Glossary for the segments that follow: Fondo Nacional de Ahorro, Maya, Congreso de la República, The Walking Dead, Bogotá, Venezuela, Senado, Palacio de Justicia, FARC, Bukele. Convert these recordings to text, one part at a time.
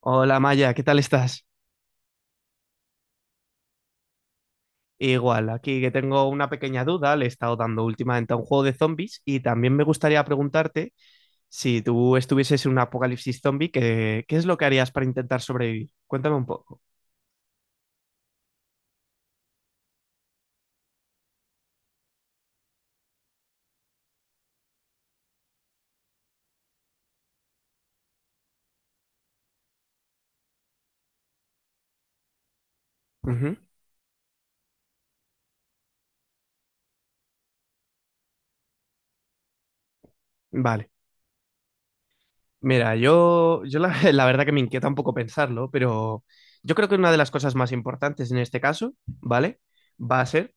Hola Maya, ¿qué tal estás? Igual, aquí que tengo una pequeña duda, le he estado dando últimamente a un juego de zombies y también me gustaría preguntarte si tú estuvieses en un apocalipsis zombie, ¿qué es lo que harías para intentar sobrevivir? Cuéntame un poco. Ujú. Vale, mira, yo la, la verdad que me inquieta un poco pensarlo, pero yo creo que una de las cosas más importantes en este caso, ¿vale? Va a ser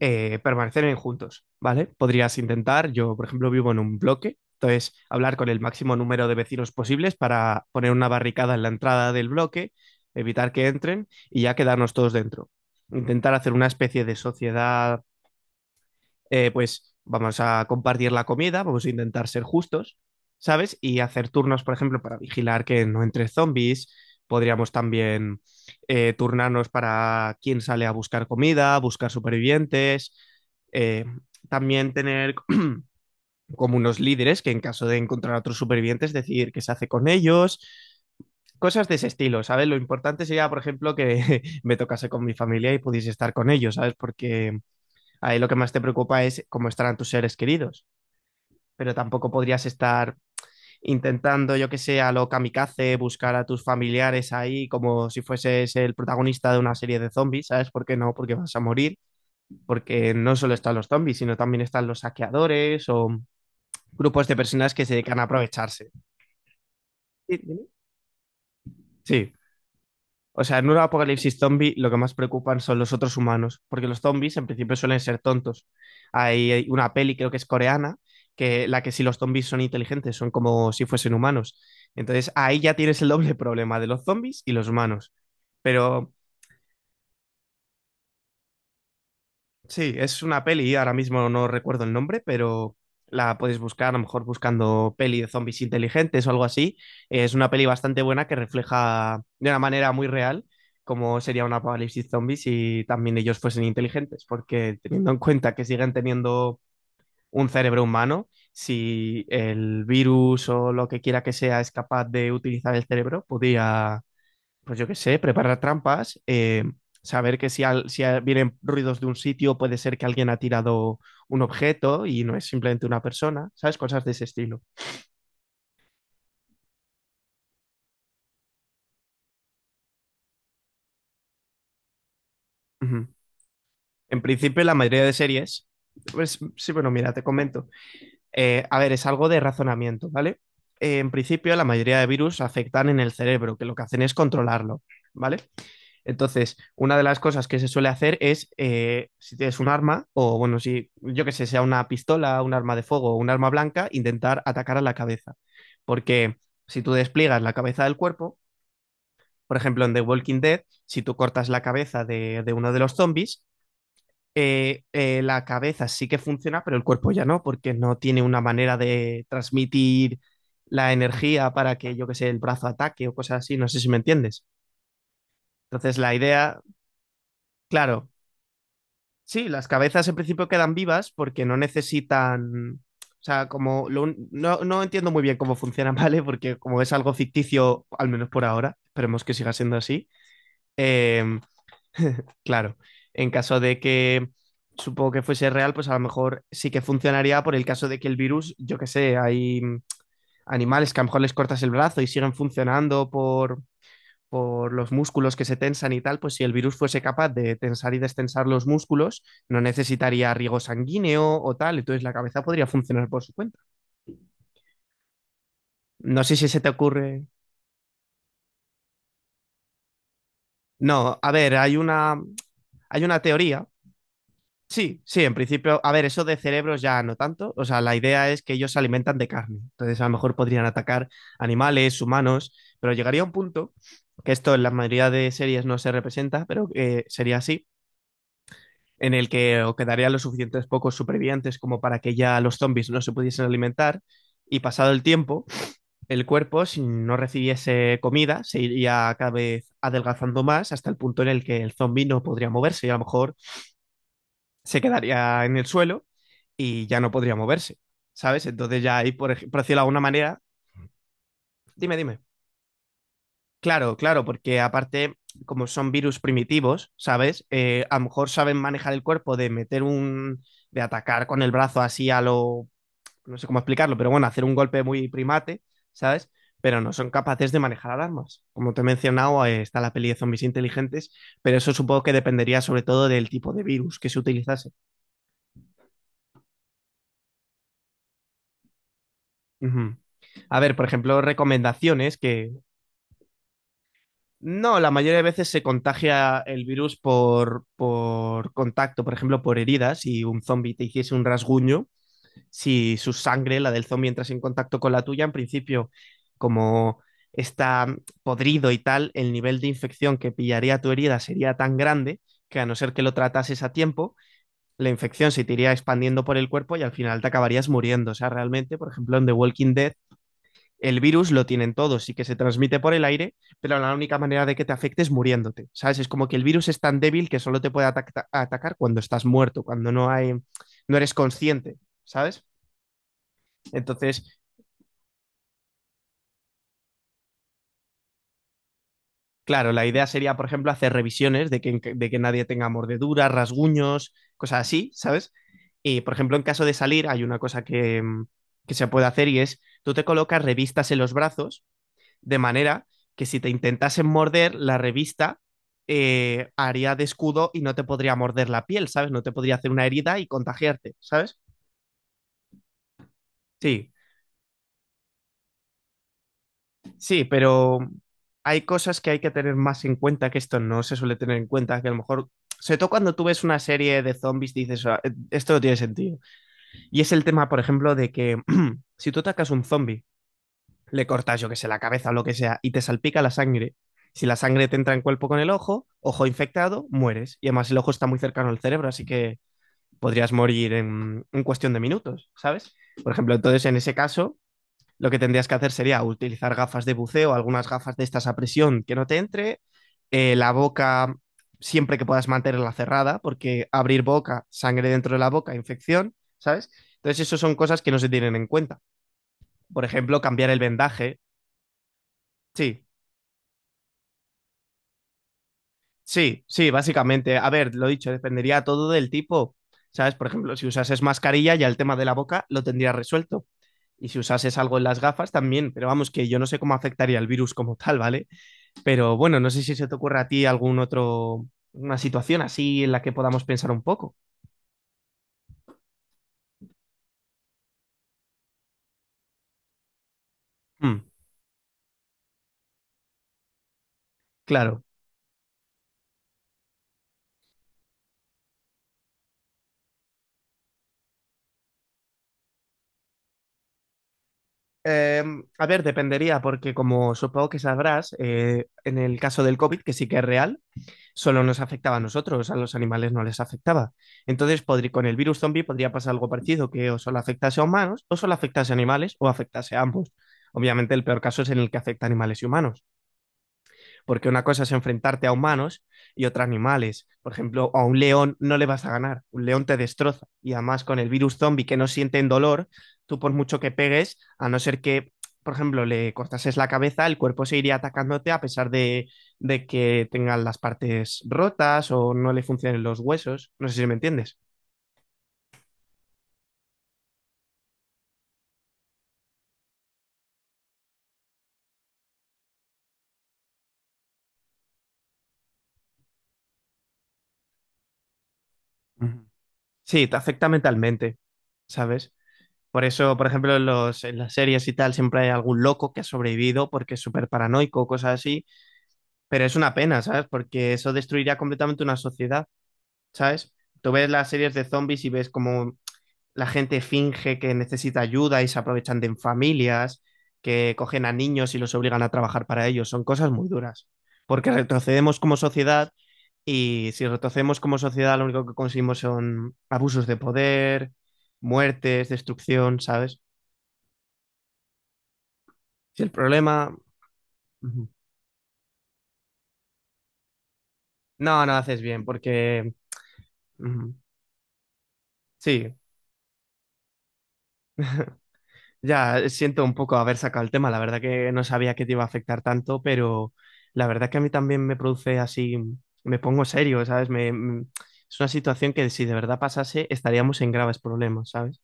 permanecer en juntos, ¿vale? Podrías intentar, yo por ejemplo vivo en un bloque, entonces hablar con el máximo número de vecinos posibles para poner una barricada en la entrada del bloque, evitar que entren y ya quedarnos todos dentro. Intentar hacer una especie de sociedad, pues vamos a compartir la comida, vamos a intentar ser justos, ¿sabes? Y hacer turnos, por ejemplo, para vigilar que no entre zombies. Podríamos también turnarnos para quién sale a buscar comida, buscar supervivientes. eh, También tener como unos líderes que en caso de encontrar otros supervivientes, decidir qué se hace con ellos. Cosas de ese estilo, ¿sabes? Lo importante sería, por ejemplo, que me tocase con mi familia y pudiese estar con ellos, ¿sabes? Porque ahí lo que más te preocupa es cómo estarán tus seres queridos, pero tampoco podrías estar intentando, yo que sé, a lo kamikaze, buscar a tus familiares ahí como si fueses el protagonista de una serie de zombies, ¿sabes por qué no? Porque vas a morir, porque no solo están los zombies, sino también están los saqueadores o grupos de personas que se dedican a aprovecharse. Sí. O sea, en un apocalipsis zombie lo que más preocupan son los otros humanos, porque los zombies en principio suelen ser tontos. Hay una peli, creo que es coreana, que la que si los zombies son inteligentes, son como si fuesen humanos. Entonces ahí ya tienes el doble problema de los zombies y los humanos. Pero sí, es una peli, ahora mismo no recuerdo el nombre, pero la puedes buscar, a lo mejor buscando peli de zombies inteligentes o algo así. Es una peli bastante buena que refleja de una manera muy real cómo sería un apocalipsis zombies si también ellos fuesen inteligentes, porque teniendo en cuenta que siguen teniendo un cerebro humano, si el virus o lo que quiera que sea es capaz de utilizar el cerebro, podría, pues yo qué sé, preparar trampas, saber que si, vienen ruidos de un sitio puede ser que alguien ha tirado un objeto y no es simplemente una persona, ¿sabes? Cosas de ese estilo. Ujú. En principio, la mayoría de series, pues sí, bueno, mira, te comento. A ver, es algo de razonamiento, ¿vale? En principio, la mayoría de virus afectan en el cerebro, que lo que hacen es controlarlo, ¿vale? Entonces, una de las cosas que se suele hacer es, si tienes un arma, o bueno, si yo que sé, sea una pistola, un arma de fuego o un arma blanca, intentar atacar a la cabeza. Porque si tú despliegas la cabeza del cuerpo, por ejemplo, en The Walking Dead, si tú cortas la cabeza de uno de los zombies, la cabeza sí que funciona, pero el cuerpo ya no, porque no tiene una manera de transmitir la energía para que, yo que sé, el brazo ataque o cosas así, no sé si me entiendes. Entonces, la idea, claro, sí, las cabezas en principio quedan vivas porque no necesitan. O sea, no, no entiendo muy bien cómo funciona, ¿vale? Porque como es algo ficticio, al menos por ahora, esperemos que siga siendo así. em, claro, en caso de que supongo que fuese real, pues a lo mejor sí que funcionaría por el caso de que el virus, yo qué sé, hay animales que a lo mejor les cortas el brazo y siguen funcionando por los músculos que se tensan y tal, pues si el virus fuese capaz de tensar y destensar los músculos, no necesitaría riego sanguíneo o tal, entonces la cabeza podría funcionar por su cuenta. No sé si se te ocurre. No, a ver, hay una teoría. Sí, sí, en principio, a ver, eso de cerebros ya no tanto. O sea, la idea es que ellos se alimentan de carne. Entonces, a lo mejor podrían atacar animales, humanos, pero llegaría un punto, que esto en la mayoría de series no se representa, pero sería así, en el que o quedarían los suficientes pocos supervivientes como para que ya los zombies no se pudiesen alimentar. Y pasado el tiempo, el cuerpo, si no recibiese comida, se iría cada vez adelgazando más hasta el punto en el que el zombie no podría moverse y a lo mejor se quedaría en el suelo y ya no podría moverse, ¿sabes? Entonces ya ahí, por decirlo de alguna manera, dime, dime. Claro, claro, porque aparte, como son virus primitivos, ¿sabes? A lo mejor saben manejar el cuerpo de atacar con el brazo así a lo, no sé cómo explicarlo, pero bueno, hacer un golpe muy primate, ¿sabes? Pero no son capaces de manejar alarmas. Como te he mencionado, está la peli de zombies inteligentes, pero eso supongo que dependería sobre todo del tipo de virus que se utilizase. Ujú. A ver, por ejemplo, recomendaciones que no, la mayoría de veces se contagia el virus por contacto, por ejemplo, por heridas. Si un zombie te hiciese un rasguño, si su sangre, la del zombie, entras en contacto con la tuya, en principio, como está podrido y tal, el nivel de infección que pillaría tu herida sería tan grande que a no ser que lo tratases a tiempo, la infección se te iría expandiendo por el cuerpo y al final te acabarías muriendo. O sea, realmente, por ejemplo, en The Walking Dead, el virus lo tienen todos y que se transmite por el aire, pero la única manera de que te afecte es muriéndote. ¿Sabes? Es como que el virus es tan débil que solo te puede atacar cuando estás muerto, cuando no hay, no eres consciente, ¿sabes? Entonces, claro, la idea sería, por ejemplo, hacer revisiones de de que nadie tenga mordeduras, rasguños, cosas así, ¿sabes? Y, por ejemplo, en caso de salir, hay una cosa que, que se puede hacer y es, tú te colocas revistas en los brazos, de manera que si te intentasen morder, la revista, haría de escudo y no te podría morder la piel, ¿sabes? No te podría hacer una herida y contagiarte, ¿sabes? Sí, sí, pero hay cosas que hay que tener más en cuenta que esto no se suele tener en cuenta, que a lo mejor, sobre todo cuando tú ves una serie de zombies, dices, "Ah, esto no tiene sentido". Y es el tema, por ejemplo, de que si tú atacas un zombie, le cortas, yo que sé, la cabeza o lo que sea, y te salpica la sangre. Si la sangre te entra en cuerpo con el ojo, ojo infectado, mueres. Y además el ojo está muy cercano al cerebro, así que podrías morir en cuestión de minutos, ¿sabes? Por ejemplo, entonces en ese caso lo que tendrías que hacer sería utilizar gafas de buceo, algunas gafas de estas a presión que no te entre, la boca siempre que puedas mantenerla cerrada, porque abrir boca, sangre dentro de la boca, infección, ¿sabes? Entonces, eso son cosas que no se tienen en cuenta. Por ejemplo, cambiar el vendaje. Sí, sí, sí, básicamente. A ver, lo dicho, dependería todo del tipo. ¿Sabes? Por ejemplo, si usases mascarilla, ya el tema de la boca lo tendrías resuelto. Y si usases algo en las gafas, también. Pero vamos, que yo no sé cómo afectaría el virus como tal, ¿vale? Pero bueno, no sé si se te ocurre a ti algún otro, una situación así en la que podamos pensar un poco. Hmm, claro. Eh, a ver, dependería, porque como supongo que sabrás, en el caso del COVID, que sí que es real, solo nos afectaba a nosotros, a los animales no les afectaba. Entonces, con el virus zombie podría pasar algo parecido, que o solo afectase a humanos, o solo afectase a animales, o afectase a ambos. Obviamente, el peor caso es en el que afecta a animales y humanos, porque una cosa es enfrentarte a humanos y otra a animales. Por ejemplo, a un león no le vas a ganar, un león te destroza y además con el virus zombie que no sienten dolor, tú por mucho que pegues, a no ser que, por ejemplo, le cortases la cabeza, el cuerpo seguiría atacándote a pesar de que tengan las partes rotas o no le funcionen los huesos. No sé si me entiendes. Ujú. Sí, te afecta mentalmente, ¿sabes? Por eso, por ejemplo, en las series y tal siempre hay algún loco que ha sobrevivido porque es súper paranoico, cosas así. Pero es una pena, ¿sabes? Porque eso destruiría completamente una sociedad, ¿sabes? Tú ves las series de zombies y ves cómo la gente finge que necesita ayuda y se aprovechan de familias, que cogen a niños y los obligan a trabajar para ellos. Son cosas muy duras. Porque retrocedemos como sociedad y si retrocedemos como sociedad lo único que conseguimos son abusos de poder, muertes, destrucción, ¿sabes? Si el problema... Ujú. No, no haces bien porque... Ujú. Sí. Ya, siento un poco haber sacado el tema, la verdad que no sabía que te iba a afectar tanto, pero la verdad que a mí también me produce así, me pongo serio, ¿sabes? Es una situación que si de verdad pasase estaríamos en graves problemas, ¿sabes?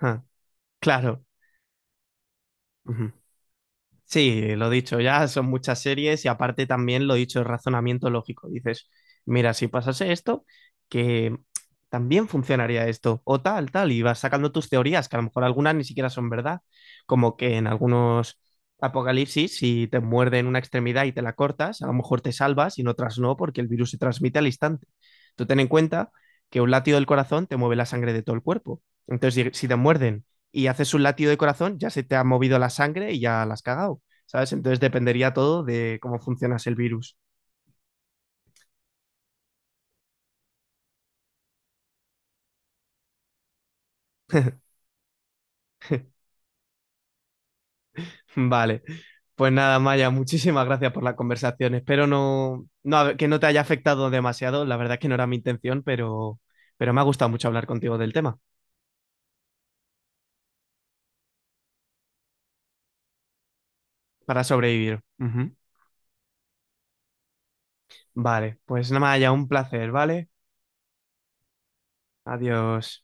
Ah, claro. Sí, lo dicho, ya son muchas series y aparte también lo dicho, el razonamiento lógico. Dices, mira, si pasase esto, que también funcionaría esto, o tal, tal, y vas sacando tus teorías, que a lo mejor algunas ni siquiera son verdad, como que en algunos apocalipsis, si te muerden una extremidad y te la cortas, a lo mejor te salvas y en otras no, porque el virus se transmite al instante. Tú ten en cuenta que un latido del corazón te mueve la sangre de todo el cuerpo. Entonces, si te muerden y haces un latido de corazón, ya se te ha movido la sangre y ya la has cagado, ¿sabes? Entonces dependería todo de cómo funcionas el virus. Vale. Pues nada, Maya, muchísimas gracias por la conversación. Espero que no te haya afectado demasiado. La verdad es que no era mi intención, pero me ha gustado mucho hablar contigo del tema para sobrevivir. Ujú. Vale, pues nada, Maya, un placer, ¿vale? Adiós.